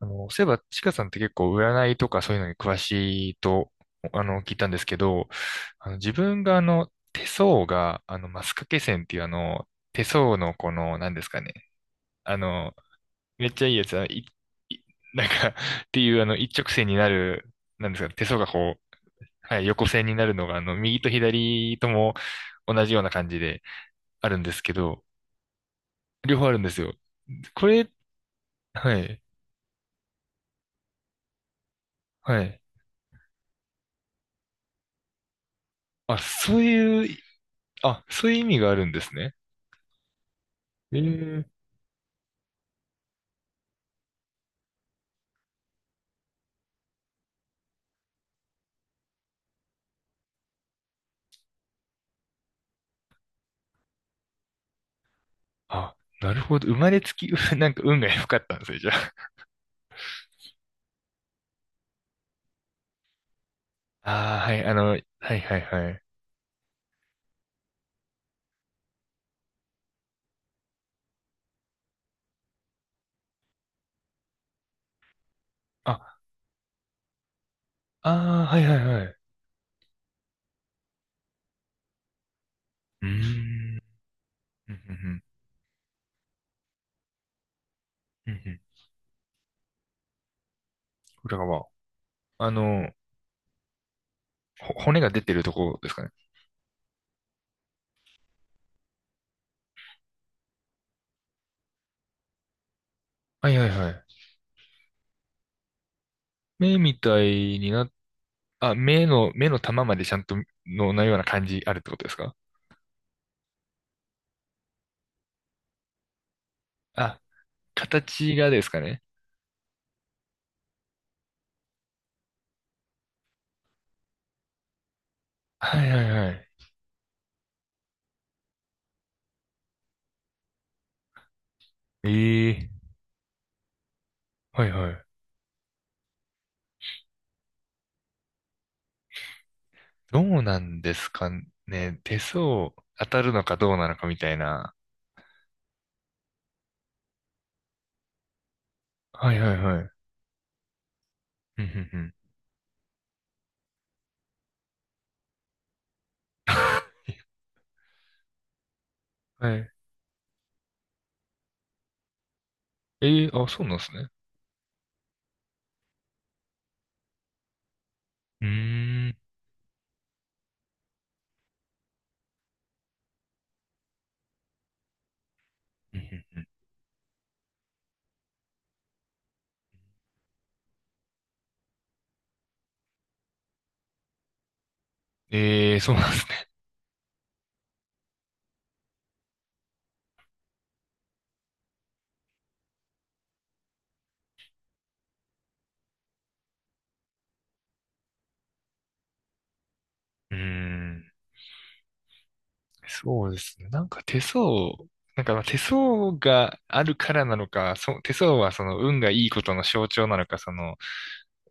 そういえば、ちかさんって結構占いとかそういうのに詳しいと、聞いたんですけど、自分が手相が、マスカケ線っていう手相のこの、なんですかね。あの、めっちゃいいやつ、あのい、い なんか っていう一直線になる、なんですかね、手相がこう、はい、横線になるのが、右と左とも同じような感じであるんですけど、両方あるんですよ。これ、はい、はい。あ、そういう、あ、そういう意味があるんですね。ええ、あ、なるほど。生まれつき、なんか運が良かったんですね、じゃあ。ああ、はい、はいはいはい。あ、ああ、はいはいはい。うーん。うんうんうんうんうん。裏側。あの、ほ骨が出てるところですかね。はいはいはい。目みたいにな、あ、目の玉までちゃんとの、なような感じあるってことですか。あ、形がですかね。はいはいはい。ええ、はいはい。どうなんですかね。手相当たるのかどうなのかみたいな。はいはいはい。うんうんうん。 はい。えー、あ、そうなんですね。うん。うーん。うんうんうん、えー、そうなんですね。うーん。そうですね。なんか手相、なんかまあ手相があるからなのか、手相はその運がいいことの象徴なのか、その、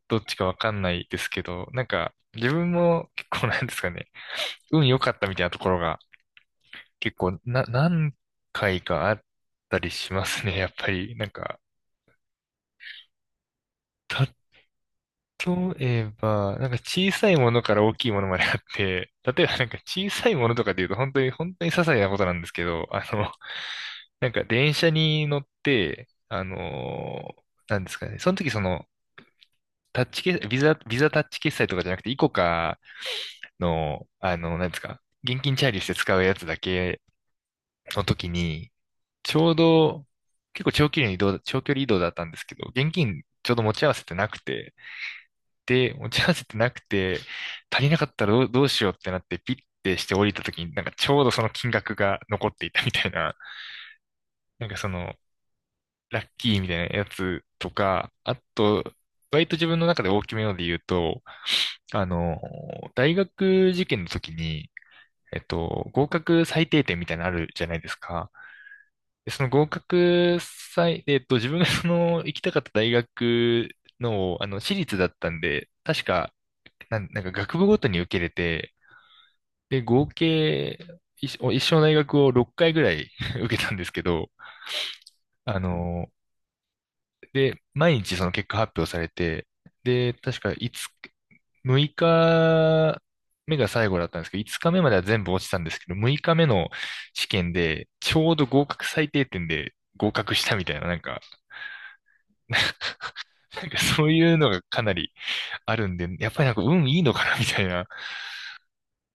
どっちかわかんないですけど、なんか自分も結構なんですかね、運良かったみたいなところが結構な、何回かあったりしますね、やっぱり。なんか、例えば、なんか小さいものから大きいものまであって、例えばなんか小さいものとかで言うと本当に本当に些細なことなんですけど、なんか電車に乗って、なんですかね、その時、タッチ決、ビザタッチ決済とかじゃなくて、イコカの、なんですか、現金チャージして使うやつだけの時に、ちょうど、結構長距離の移動、長距離移動だったんですけど、現金ちょうど持ち合わせてなくて、で持ち合わせてなくて、足りなかったらどうしようってなって、ピッてして降りた時に、なんかちょうどその金額が残っていたみたいな、なんかその、ラッキーみたいなやつとか、あと、割と自分の中で大きめので言うと、あの、大学受験の時に、合格最低点みたいなのあるじゃないですか。で、その合格最、えっと、自分がその行きたかった大学の、私立だったんで、確か、なんか学部ごとに受けれて、で、合計、一生の大学を6回ぐらい 受けたんですけど、あの、で、毎日その結果発表されて、で、確か5、6日目が最後だったんですけど、5日目までは全部落ちたんですけど、6日目の試験で、ちょうど合格最低点で合格したみたいな、なんか、そういうのがかなり あるんで、やっぱりなんか運いいのかなみたいな、っ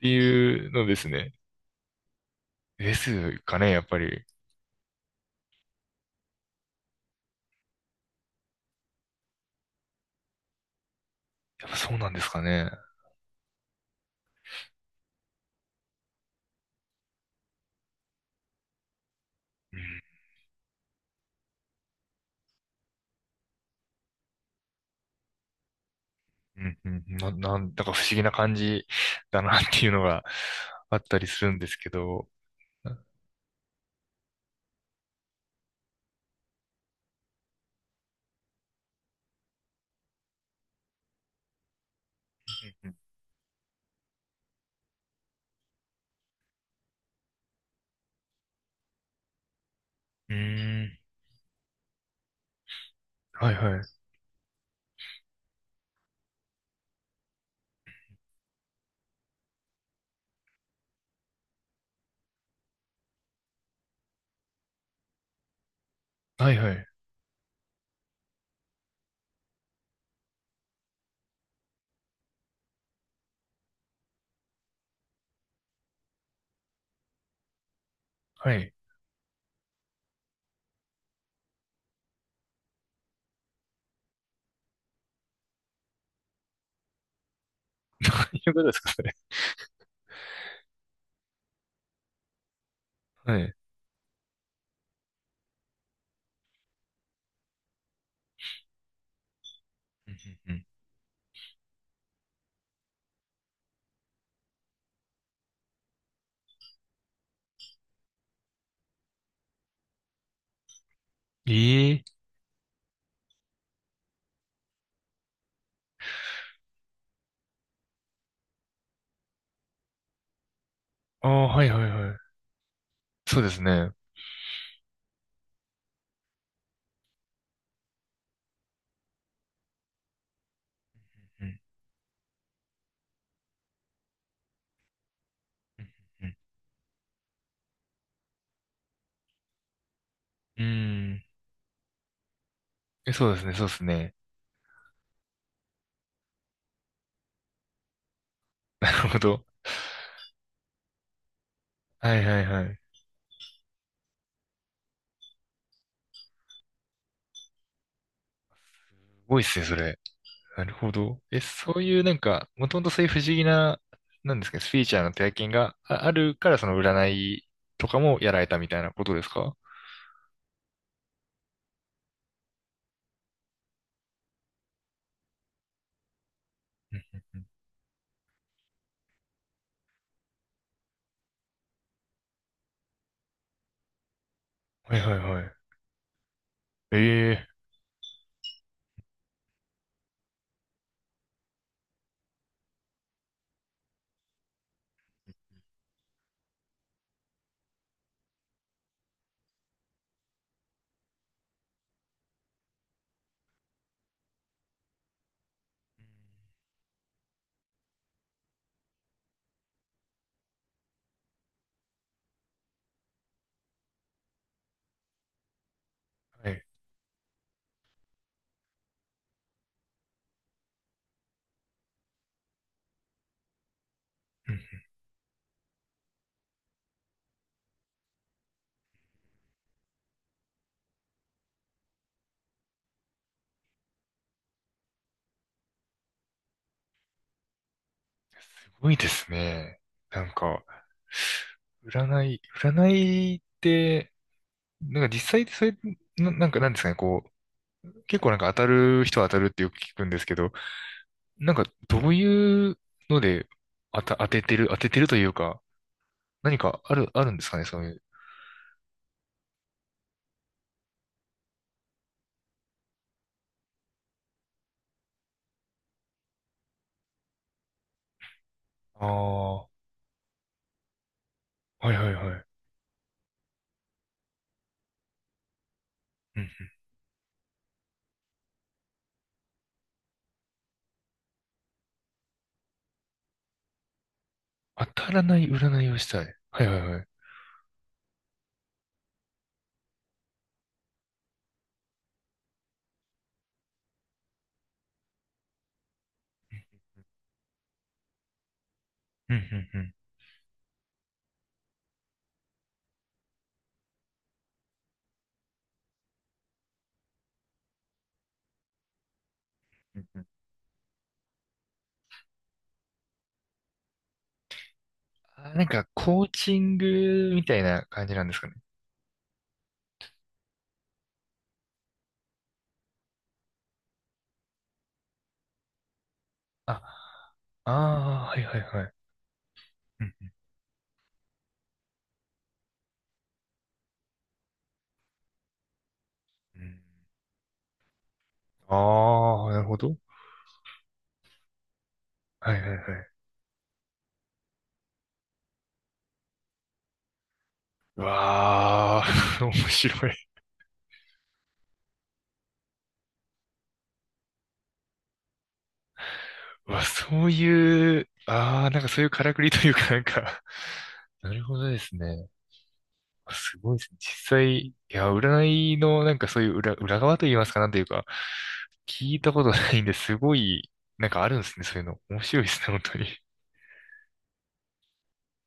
ていうのですね。ですかね、やっぱり。やっぱそうなんですかね。うんうんうんうん、なんだか不思議な感じだなっていうのがあったりするんですけど。うんうーん、はいはい。はいはい。はい。一緒ぐらいうことですか、それ。はい。うんうんうん、ええ、ああー、はいはいはい。そうですね。うんうんうんうんうーん、え、そうですね、そうですね。なるほど。はいはいはい。すごいっすね、それ。なるほど。え、そういうなんか、もともとそういう不思議な、なんですか、スピリチュアルな体験がああるから、その占いとかもやられたみたいなことですか。うん、はいはいはい。ええ、はい。うん、すごいですね。なんか、占いって、なんか実際ってそれ、なんかなんですかね、こう、結構なんか当たる人は当たるってよく聞くんですけど、なんかどういうので当ててるというか、何かあるんですかね、そういう。ああ、はいはいはい。うんうん、当たらない占いをしたい。はいはいはい。うんうんうん。うんうん、あー、なんかコーチングみたいな感じなんですかね。あ、ああー、はいはいはい。うんうんうん、ああ、なるほど。はいはいはい。うわあ、面白い。うわ、そういう、ああ、なんかそういうからくりというかなんか、なるほどですね。あ、すごいですね。実際、いや、占いのなんかそういう裏側と言いますか、なんというか、聞いたことないんですごい、なんかあるんですね、そういうの。面白いですね、本当に。